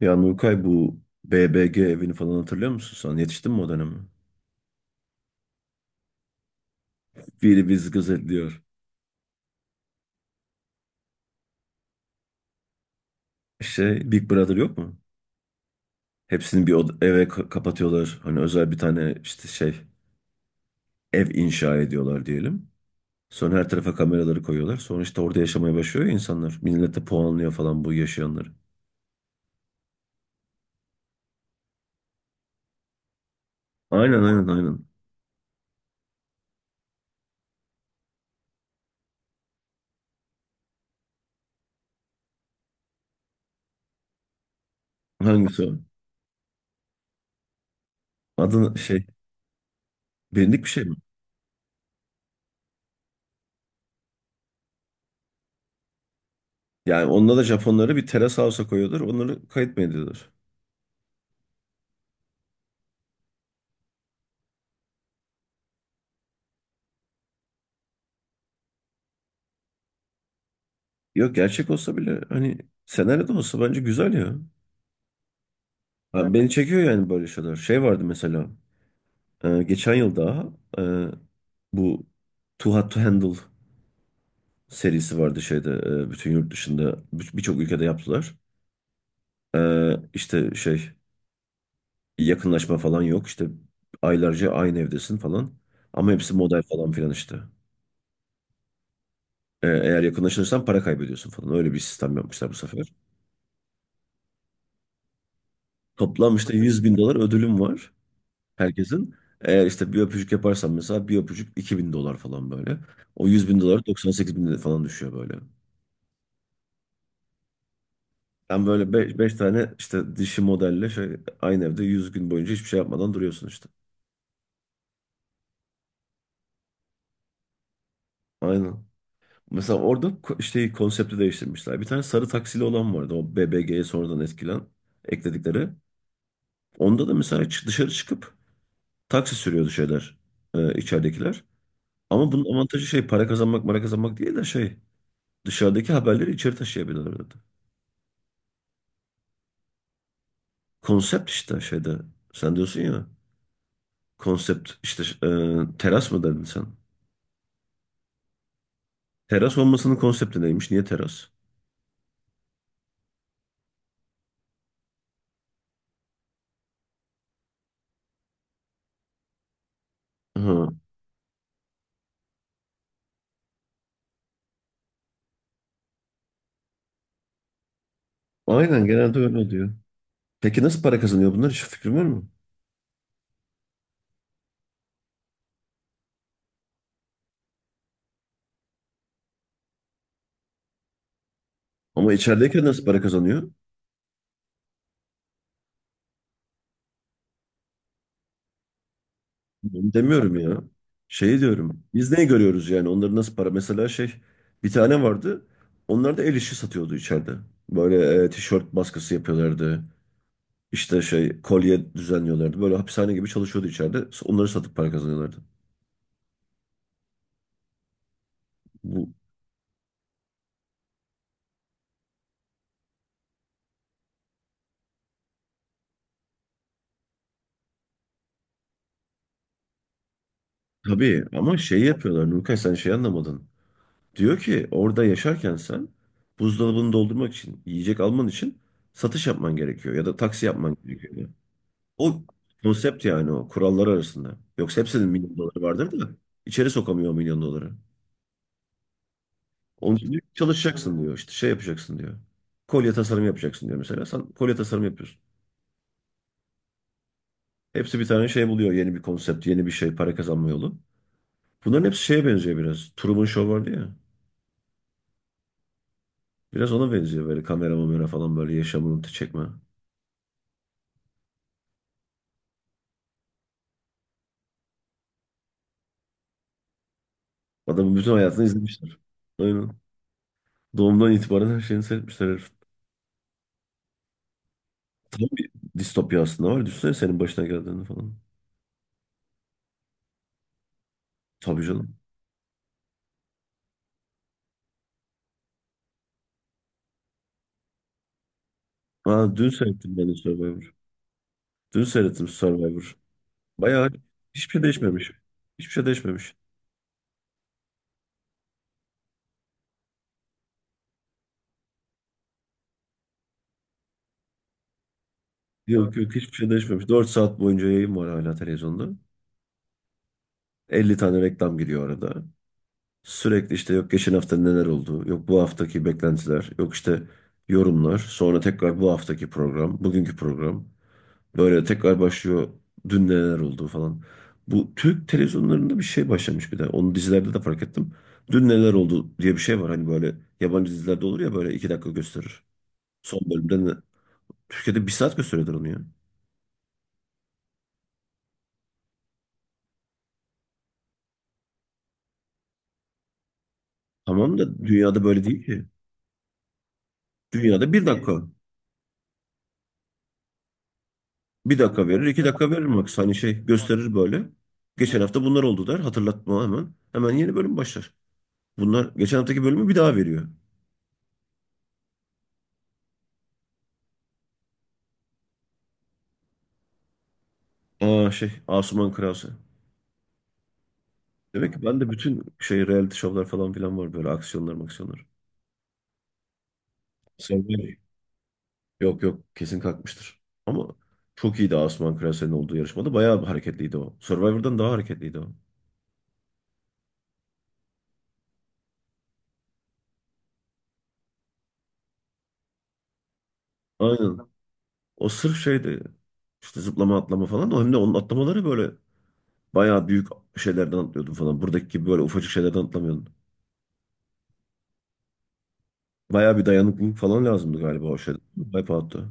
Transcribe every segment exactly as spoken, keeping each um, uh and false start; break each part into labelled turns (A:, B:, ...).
A: Ya Nurkay, bu B B G evini falan hatırlıyor musun sen? Yetiştin mi o döneme? Biri bizi gözetliyor. Şey Big Brother yok mu? Hepsini bir oda- eve ka- kapatıyorlar. Hani özel bir tane işte şey ev inşa ediyorlar diyelim. Sonra her tarafa kameraları koyuyorlar. Sonra işte orada yaşamaya başlıyor ya insanlar. Millet de puanlıyor falan bu yaşayanları. Aynen, aynen, aynen. Hangisi o? Adı şey Bilindik bir şey mi? Yani onda da Japonlara bir terrace house'a koyuyorlar. Onları kayıt mı ediyorlar? Yok, gerçek olsa bile hani senaryo da olsa bence güzel ya. Abi beni çekiyor yani böyle şeyler. Şey vardı mesela. E, geçen yıl daha e, bu Too Hot to Handle serisi vardı şeyde. E, Bütün yurt dışında bir- birçok ülkede yaptılar. E, işte şey Yakınlaşma falan yok. İşte aylarca aynı evdesin falan. Ama hepsi model falan filan işte. E, eğer yakınlaşırsan para kaybediyorsun falan. Öyle bir sistem yapmışlar bu sefer. Toplam işte yüz bin dolar ödülüm var. Herkesin. Eğer işte bir öpücük yaparsan, mesela bir öpücük iki bin dolar falan böyle. O yüz bin dolar doksan sekiz bin falan düşüyor böyle. Ben böyle be- beş tane işte dişi modelle şey, aynı evde yüz gün boyunca hiçbir şey yapmadan duruyorsun işte. Aynen. Mesela orada ko- işte konsepti değiştirmişler. Bir tane sarı taksili olan vardı. O B B G'ye sonradan etkilen ekledikleri. Onda da mesela çı- dışarı çıkıp taksi sürüyordu şeyler. e, içeridekiler. Ama bunun avantajı şey, para kazanmak, para kazanmak değil de şey, dışarıdaki haberleri içeri taşıyabilirlerdi. Konsept işte şeyde. Sen diyorsun ya. Konsept işte, e, teras mı dedin sen? Teras olmasının konsepti neymiş? Niye teras? Ha, aynen, genelde öyle oluyor. Peki nasıl para kazanıyor bunlar? Hiç fikrin var mı? Ama içerideyken nasıl para kazanıyor? Ben demiyorum ya. Şey diyorum. Biz neyi görüyoruz yani? Onların nasıl para? Mesela şey, bir tane vardı. Onlar da el işi satıyordu içeride. Böyle e, tişört baskısı yapıyorlardı. İşte şey, kolye düzenliyorlardı. Böyle hapishane gibi çalışıyordu içeride. Onları satıp para kazanıyorlardı. Bu, tabii ama şey yapıyorlar Nurkay, sen şey anlamadın. Diyor ki orada yaşarken sen buzdolabını doldurmak için, yiyecek alman için satış yapman gerekiyor ya da taksi yapman gerekiyor, diyor. O konsept yani, o kurallar arasında. Yoksa hepsinin milyon doları vardır da içeri sokamıyor o milyon doları. Onun için diyor ki çalışacaksın diyor, işte şey yapacaksın diyor. Kolye tasarımı yapacaksın diyor mesela, sen kolye tasarımı yapıyorsun. Hepsi bir tane şey buluyor, yeni bir konsept, yeni bir şey para kazanma yolu. Bunların hepsi şeye benziyor biraz. Truman Show vardı ya. Biraz ona benziyor, böyle kamera mamera falan, böyle yaşamını çekme. Adamın bütün hayatını izlemişler. Aynen. Doğumdan itibaren her şeyini seyretmişler herif. Tam bir distopya aslında var. Düşünsene senin başına geldiğini falan. Tabii canım. Ha, dün seyrettim ben de Survivor. Dün seyrettim Survivor. Bayağı hiçbir şey değişmemiş. Hiçbir şey değişmemiş. Yok yok, hiçbir şey değişmemiş. Dört saat boyunca yayın var hala televizyonda. Elli tane reklam giriyor arada. Sürekli işte, yok geçen hafta neler oldu, yok bu haftaki beklentiler, yok işte yorumlar, sonra tekrar bu haftaki program, bugünkü program. Böyle tekrar başlıyor, dün neler oldu falan. Bu Türk televizyonlarında bir şey başlamış bir de. Onu dizilerde de fark ettim. Dün neler oldu diye bir şey var. Hani böyle yabancı dizilerde olur ya, böyle iki dakika gösterir. Son bölümde ne? Türkiye'de bir saat gösteriyorlar onu ya. Tamam da dünyada böyle değil ki. Dünyada bir dakika. Bir dakika verir, iki dakika verir max. Hani şey gösterir böyle. Geçen hafta bunlar oldu der. Hatırlatma hemen. Hemen yeni bölüm başlar. Bunlar geçen haftaki bölümü bir daha veriyor. Aa, şey, Asuman Krause. Demek ki ben de bütün şey reality şovlar falan filan var böyle, aksiyonlar maksiyonlar. Survivor. Yok yok, kesin kalkmıştır. Ama çok iyiydi Asuman Krause'nin olduğu yarışmada. Bayağı hareketliydi o. Survivor'dan daha hareketliydi o. Aynen. O sırf şeydi. İşte zıplama atlama falan. O hem de, onun atlamaları böyle bayağı büyük şeylerden atlıyordum falan. Buradaki gibi böyle ufacık şeylerden atlamıyordum. Bayağı bir dayanıklılık falan lazımdı galiba o şeyde. Wipeout'ta.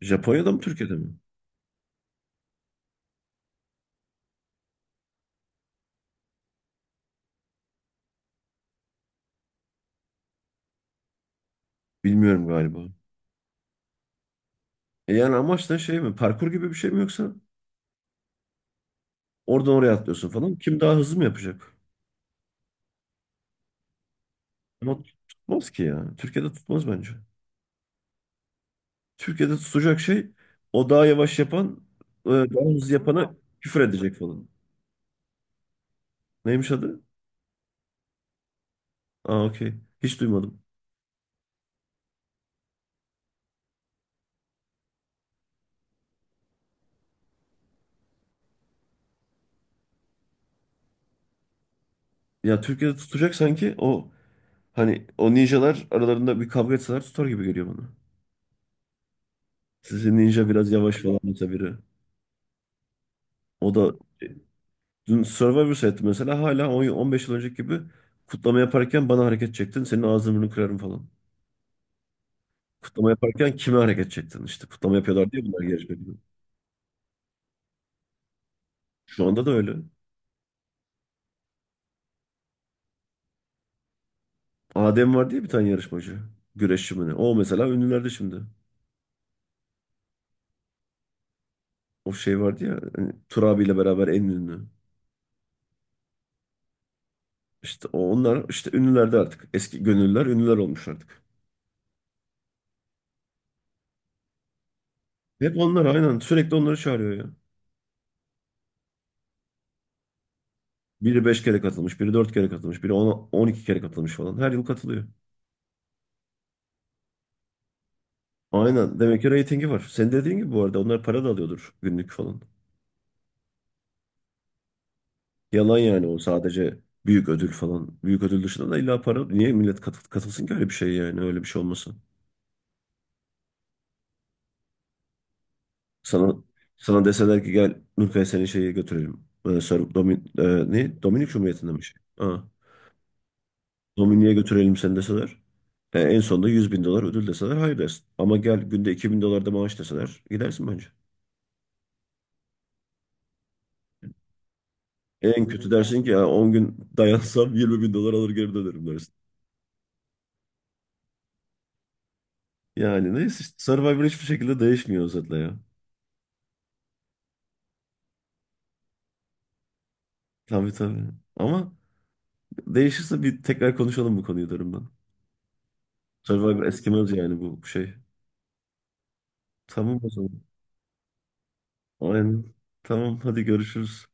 A: Japonya'da mı Türkiye'de mi? Bilmiyorum galiba. E yani amaç da şey mi? Parkur gibi bir şey mi, yoksa oradan oraya atlıyorsun falan. Kim daha hızlı mı yapacak? Ama tutmaz ki ya. Türkiye'de tutmaz bence. Türkiye'de tutacak şey, o daha yavaş yapan, e, daha hızlı yapana küfür edecek falan. Neymiş adı? Aa, okey. Hiç duymadım. Ya, Türkiye'de tutacak sanki o. Hani o ninjalar aralarında bir kavga etseler tutar gibi geliyor bana. Sizin ninja biraz yavaş falan mesela biri. O da, dün Survivor seyrettim mesela, hala on on beş yıl önceki gibi kutlama yaparken bana hareket çektin, senin ağzını burnunu kırarım falan. Kutlama yaparken kime hareket çektin işte. Kutlama yapıyorlar diye bunlar, yarışmacı. Şu anda da öyle. Adem var diye bir tane yarışmacı. Güreşçi mi ne? O mesela ünlülerde şimdi. O şey vardı ya hani, Tur abiyle beraber en ünlü. İşte o- onlar işte ünlülerde artık. Eski gönüllüler ünlüler olmuş artık. Hep onlar aynen. Sürekli onları çağırıyor ya. Biri beş kere katılmış, biri dört kere katılmış, biri on iki kere katılmış falan. Her yıl katılıyor. Aynen. Demek ki reytingi var. Senin dediğin gibi, bu arada onlar para da alıyordur günlük falan. Yalan yani, o sadece büyük ödül falan. Büyük ödül dışında da illa para. Niye millet kat- katılsın ki öyle bir şey? Yani öyle bir şey olmasın. Sana, sana deseler ki gel Nurkaya seni şeye götürelim. Ee, Sor, Domin, e, ne? Dominik Cumhuriyeti'nde mi şey? Ha. Domini'ye götürelim seni deseler. E, en sonunda yüz bin dolar ödül deseler hayır dersin. Ama gel, günde iki bin dolar da maaş deseler gidersin bence. En kötü dersin ki ya, on gün dayansam yirmi bin dolar alır geri dönerim dersin. Yani neyse, işte Survivor hiçbir şekilde değişmiyor özetle ya. Tabii tabii. Ama değişirse bir tekrar konuşalım bu konuyu derim ben. Survivor eskimez yani bu şey. Tamam o zaman. Aynen. Tamam hadi görüşürüz.